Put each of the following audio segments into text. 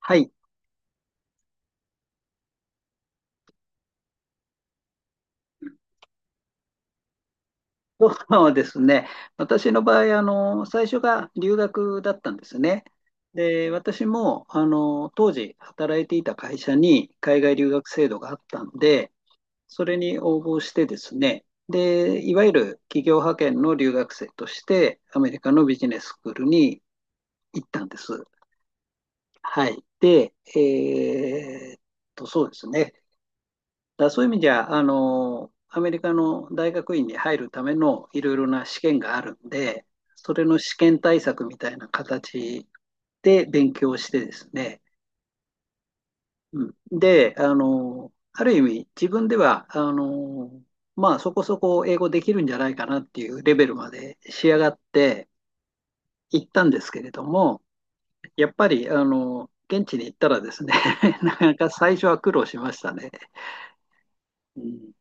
はい。そうですね。私の場合、あの、最初が留学だったんですね。で、私も、あの、当時働いていた会社に海外留学制度があったんで、それに応募してですね、で、いわゆる企業派遣の留学生として、アメリカのビジネススクールに行ったんです。はい。で、そうですね。だからそういう意味じゃ、あの、アメリカの大学院に入るためのいろいろな試験があるんで、それの試験対策みたいな形で勉強してですね、うん、で、あの、ある意味自分では、あの、まあそこそこ英語できるんじゃないかなっていうレベルまで仕上がって行ったんですけれども、やっぱり、あの、現地に行ったらですね、なかなか最初は苦労しましたね。うん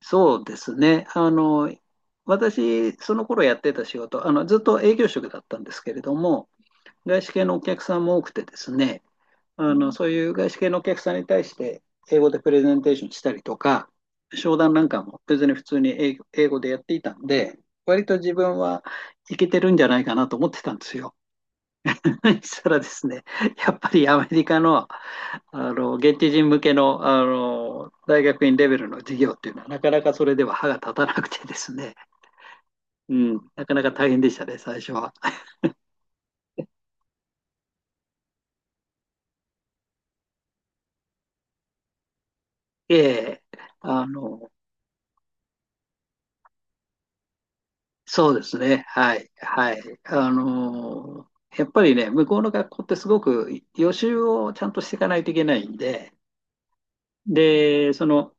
そうですね。あの、私、その頃やってた仕事、あの、ずっと営業職だったんですけれども、外資系のお客さんも多くてですね、あの、そういう外資系のお客さんに対して、英語でプレゼンテーションしたりとか、商談なんかも別に普通に英語でやっていたんで、割と自分はイケてるんじゃないかなと思ってたんですよ。したらですね、やっぱりアメリカの、あの現地人向けの、あの大学院レベルの授業っていうのは、なかなかそれでは歯が立たなくてですね、うん、なかなか大変でしたね、最初は。ええあの、そうですね、はい、はい。あの、やっぱりね、向こうの学校ってすごく予習をちゃんとしていかないといけないんで、で、その、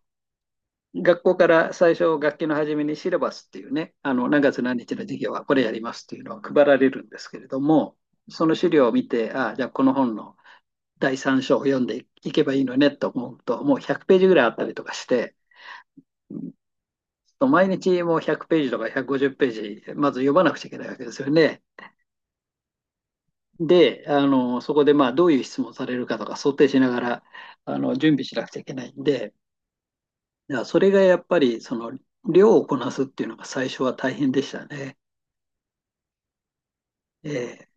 学校から最初、学期の初めにシラバスっていうね、あの何月何日の授業はこれやりますっていうのは配られるんですけれども、その資料を見て、ああ、じゃあこの本の第3章を読んでいけばいいのねと思うと、もう100ページぐらいあったりとかして、毎日もう100ページとか150ページ、まず読まなくちゃいけないわけですよね。で、あのそこでまあどういう質問されるかとか想定しながらあの準備しなくちゃいけないんで、それがやっぱりその量をこなすっていうのが最初は大変でしたね。ええ、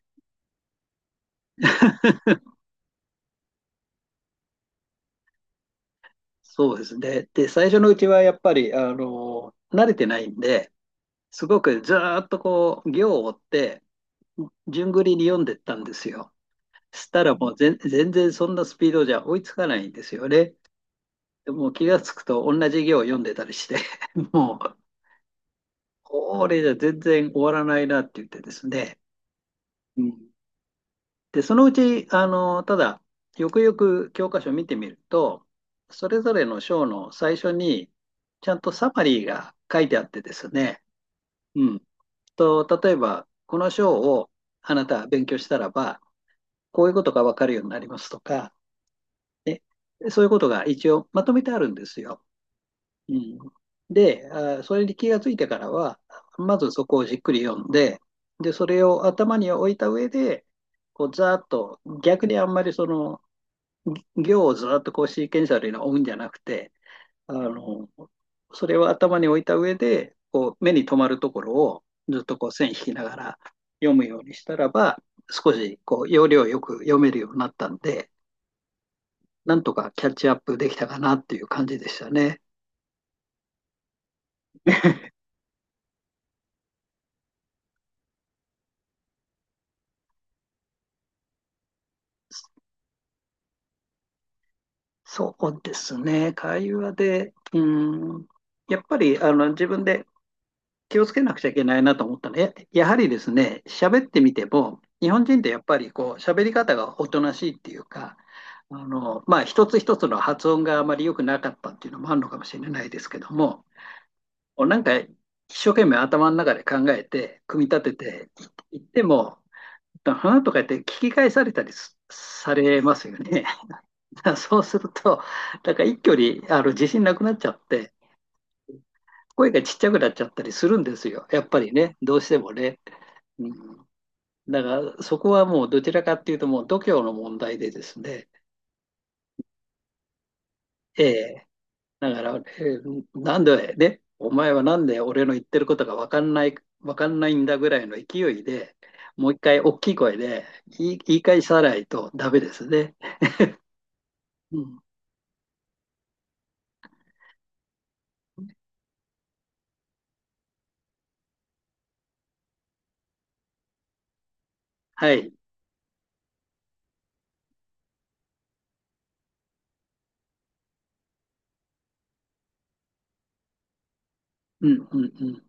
そうですね。で、最初のうちはやっぱり、あの、慣れてないんで、すごくずーっとこう、行を追って、順繰りに読んでったんですよ。したらもう全然そんなスピードじゃ追いつかないんですよね。でもう気がつくと同じ行を読んでたりして、もう、これじゃ全然終わらないなって言ってですね。うんで、そのうち、あの、ただ、よくよく教科書を見てみると、それぞれの章の最初に、ちゃんとサマリーが書いてあってですね、うん。と、例えば、この章をあなたは勉強したらば、こういうことがわかるようになりますとか、ね、そういうことが一応まとめてあるんですよ。うん。で、あー、それに気がついてからは、まずそこをじっくり読んで、で、それを頭に置いた上で、こう、ざーっと、逆にあんまりその、行をずっとこうシーケンシャルに追うんじゃなくて、あの、それを頭に置いた上で、こう目に留まるところをずっとこう線引きながら読むようにしたらば、少しこう要領よく読めるようになったんで、なんとかキャッチアップできたかなっていう感じでしたね。そうですね。会話で、うん、やっぱりあの自分で気をつけなくちゃいけないなと思ったのはやはりですね、喋ってみても、日本人ってやっぱりこう喋り方がおとなしいっていうか、あの、まあ、一つ一つの発音があまり良くなかったっていうのもあるのかもしれないですけども、こうなんか一生懸命頭の中で考えて、組み立てていっても、花とか言って聞き返されたりされますよね。だからそうすると、なんか一挙にあの自信なくなっちゃって、声がちっちゃくなっちゃったりするんですよ。やっぱりね、どうしてもね。うんだから、そこはもうどちらかっていうと、もう度胸の問題でですね、ええ、だから、ええなんでね、お前はなんで俺の言ってることが分かんない、わかんないんだぐらいの勢いで、もう一回大きい声で言い返さないとダメですね。うん、はい。うん、うん、うん。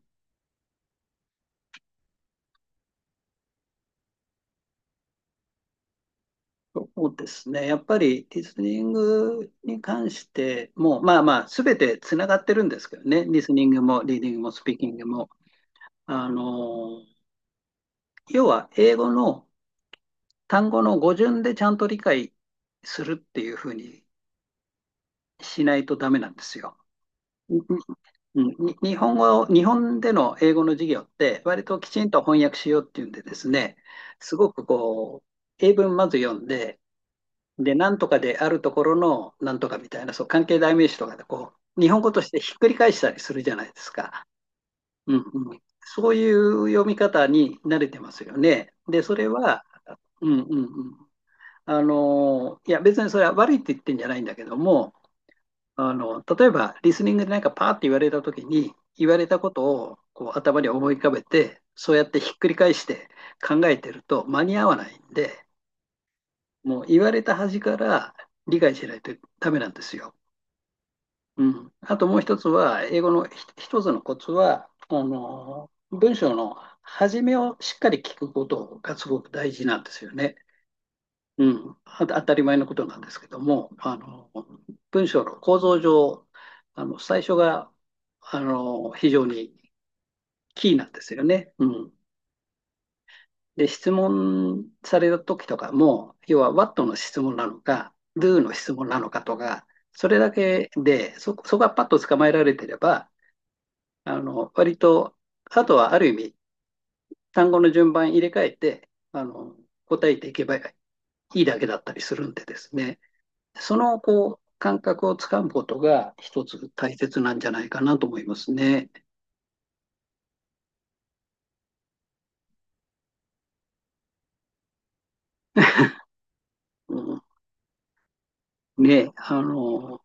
そうですね。やっぱりリスニングに関しても、まあまあ、すべてつながってるんですけどね。リスニングも、リーディングも、スピーキングも。あの要は英語の単語の語順でちゃんと理解するっていうふうにしないとダメなんですよ。にに日本での英語の授業って割ときちんと翻訳しようっていうんでですね、すごくこう、英文まず読んで、で、なんとかであるところのなんとかみたいな、そう、関係代名詞とかでこう、日本語としてひっくり返したりするじゃないですか。うんうん、そういう読み方に慣れてますよね。で、それは、うんうんうん。あの、いや、別にそれは悪いって言ってんじゃないんだけども、あの、例えば、リスニングでなんかパーって言われたときに、言われたことをこう頭に思い浮かべて、そうやってひっくり返して考えてると間に合わないんで、もう言われた端から理解しないとダメなんですよ。うん。あともう一つは、英語の一つのコツは、あの、文章の始めをしっかり聞くことがすごく大事なんですよね。うん、あ当たり前のことなんですけども、あの、文章の構造上、あの、最初が、あの、非常にキーなんですよね。うん。で、質問された時とかも、要は What の質問なのか、Do の質問なのかとか、それだけで、そこがパッと捕まえられてれば、あの、割と、あとはある意味、単語の順番入れ替えて、あの、答えていけばいいだけだったりするんでですね。そのこう感覚をつかむことが一つ大切なんじゃないかなと思いますね。うん、ね、あの、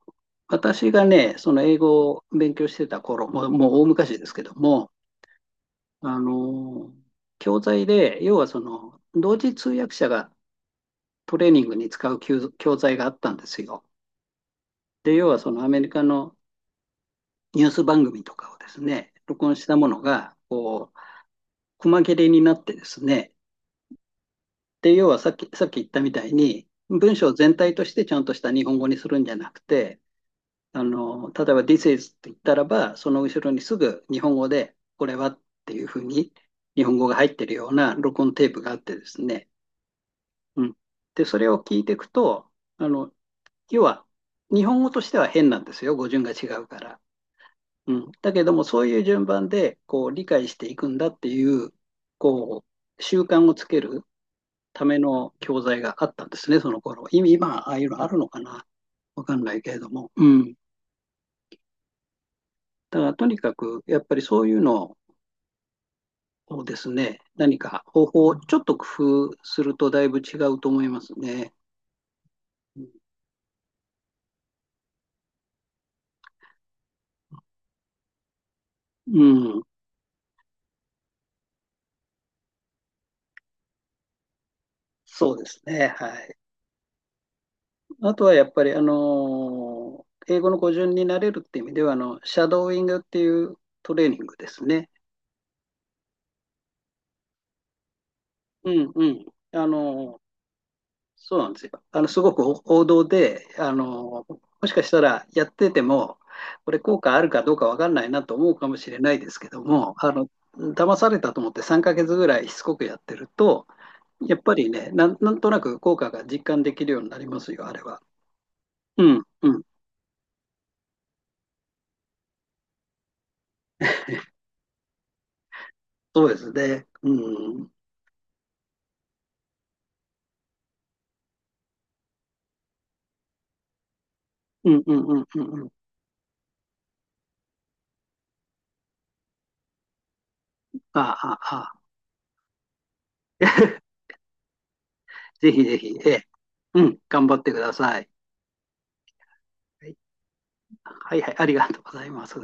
私がね、その英語を勉強してた頃、もう大昔ですけども、あの、教材で、要はその、同時通訳者がトレーニングに使う教材があったんですよ。で、要はそのアメリカのニュース番組とかをですね、録音したものが、こう、細切れになってですね、で、要はさっき言ったみたいに、文章全体としてちゃんとした日本語にするんじゃなくて、あの、例えば This is って言ったらば、その後ろにすぐ日本語で、これはっていうふうに日本語が入ってるような録音テープがあってですね。うん。で、それを聞いていくと、あの、要は日本語としては変なんですよ。語順が違うから。うん。だけども、そういう順番で、こう、理解していくんだっていう、こう、習慣をつけるための教材があったんですね、その頃。今ああいうのあるのかなわかんないけれども。うん。だからとにかく、やっぱりそういうのをですね、何か方法をちょっと工夫するとだいぶ違うと思いますね。うん。そうですね。はい。あとはやっぱり、あのー英語の語順になれるっていう意味では、あの、シャドーイングっていうトレーニングですね。うんうん。あのそうなんですよ。あの、すごく王道で、あの、もしかしたらやってても、これ効果あるかどうかわかんないなと思うかもしれないですけども、あの、騙されたと思って3ヶ月ぐらいしつこくやってると、やっぱりね、なんとなく効果が実感できるようになりますよ、あれは。うん、うん、そうですね。うん、うん、うん、うん、うんうん。ああ、ああ。ぜひぜひ、ええ、うん、頑張ってください。はい、はい、はいありがとうございます。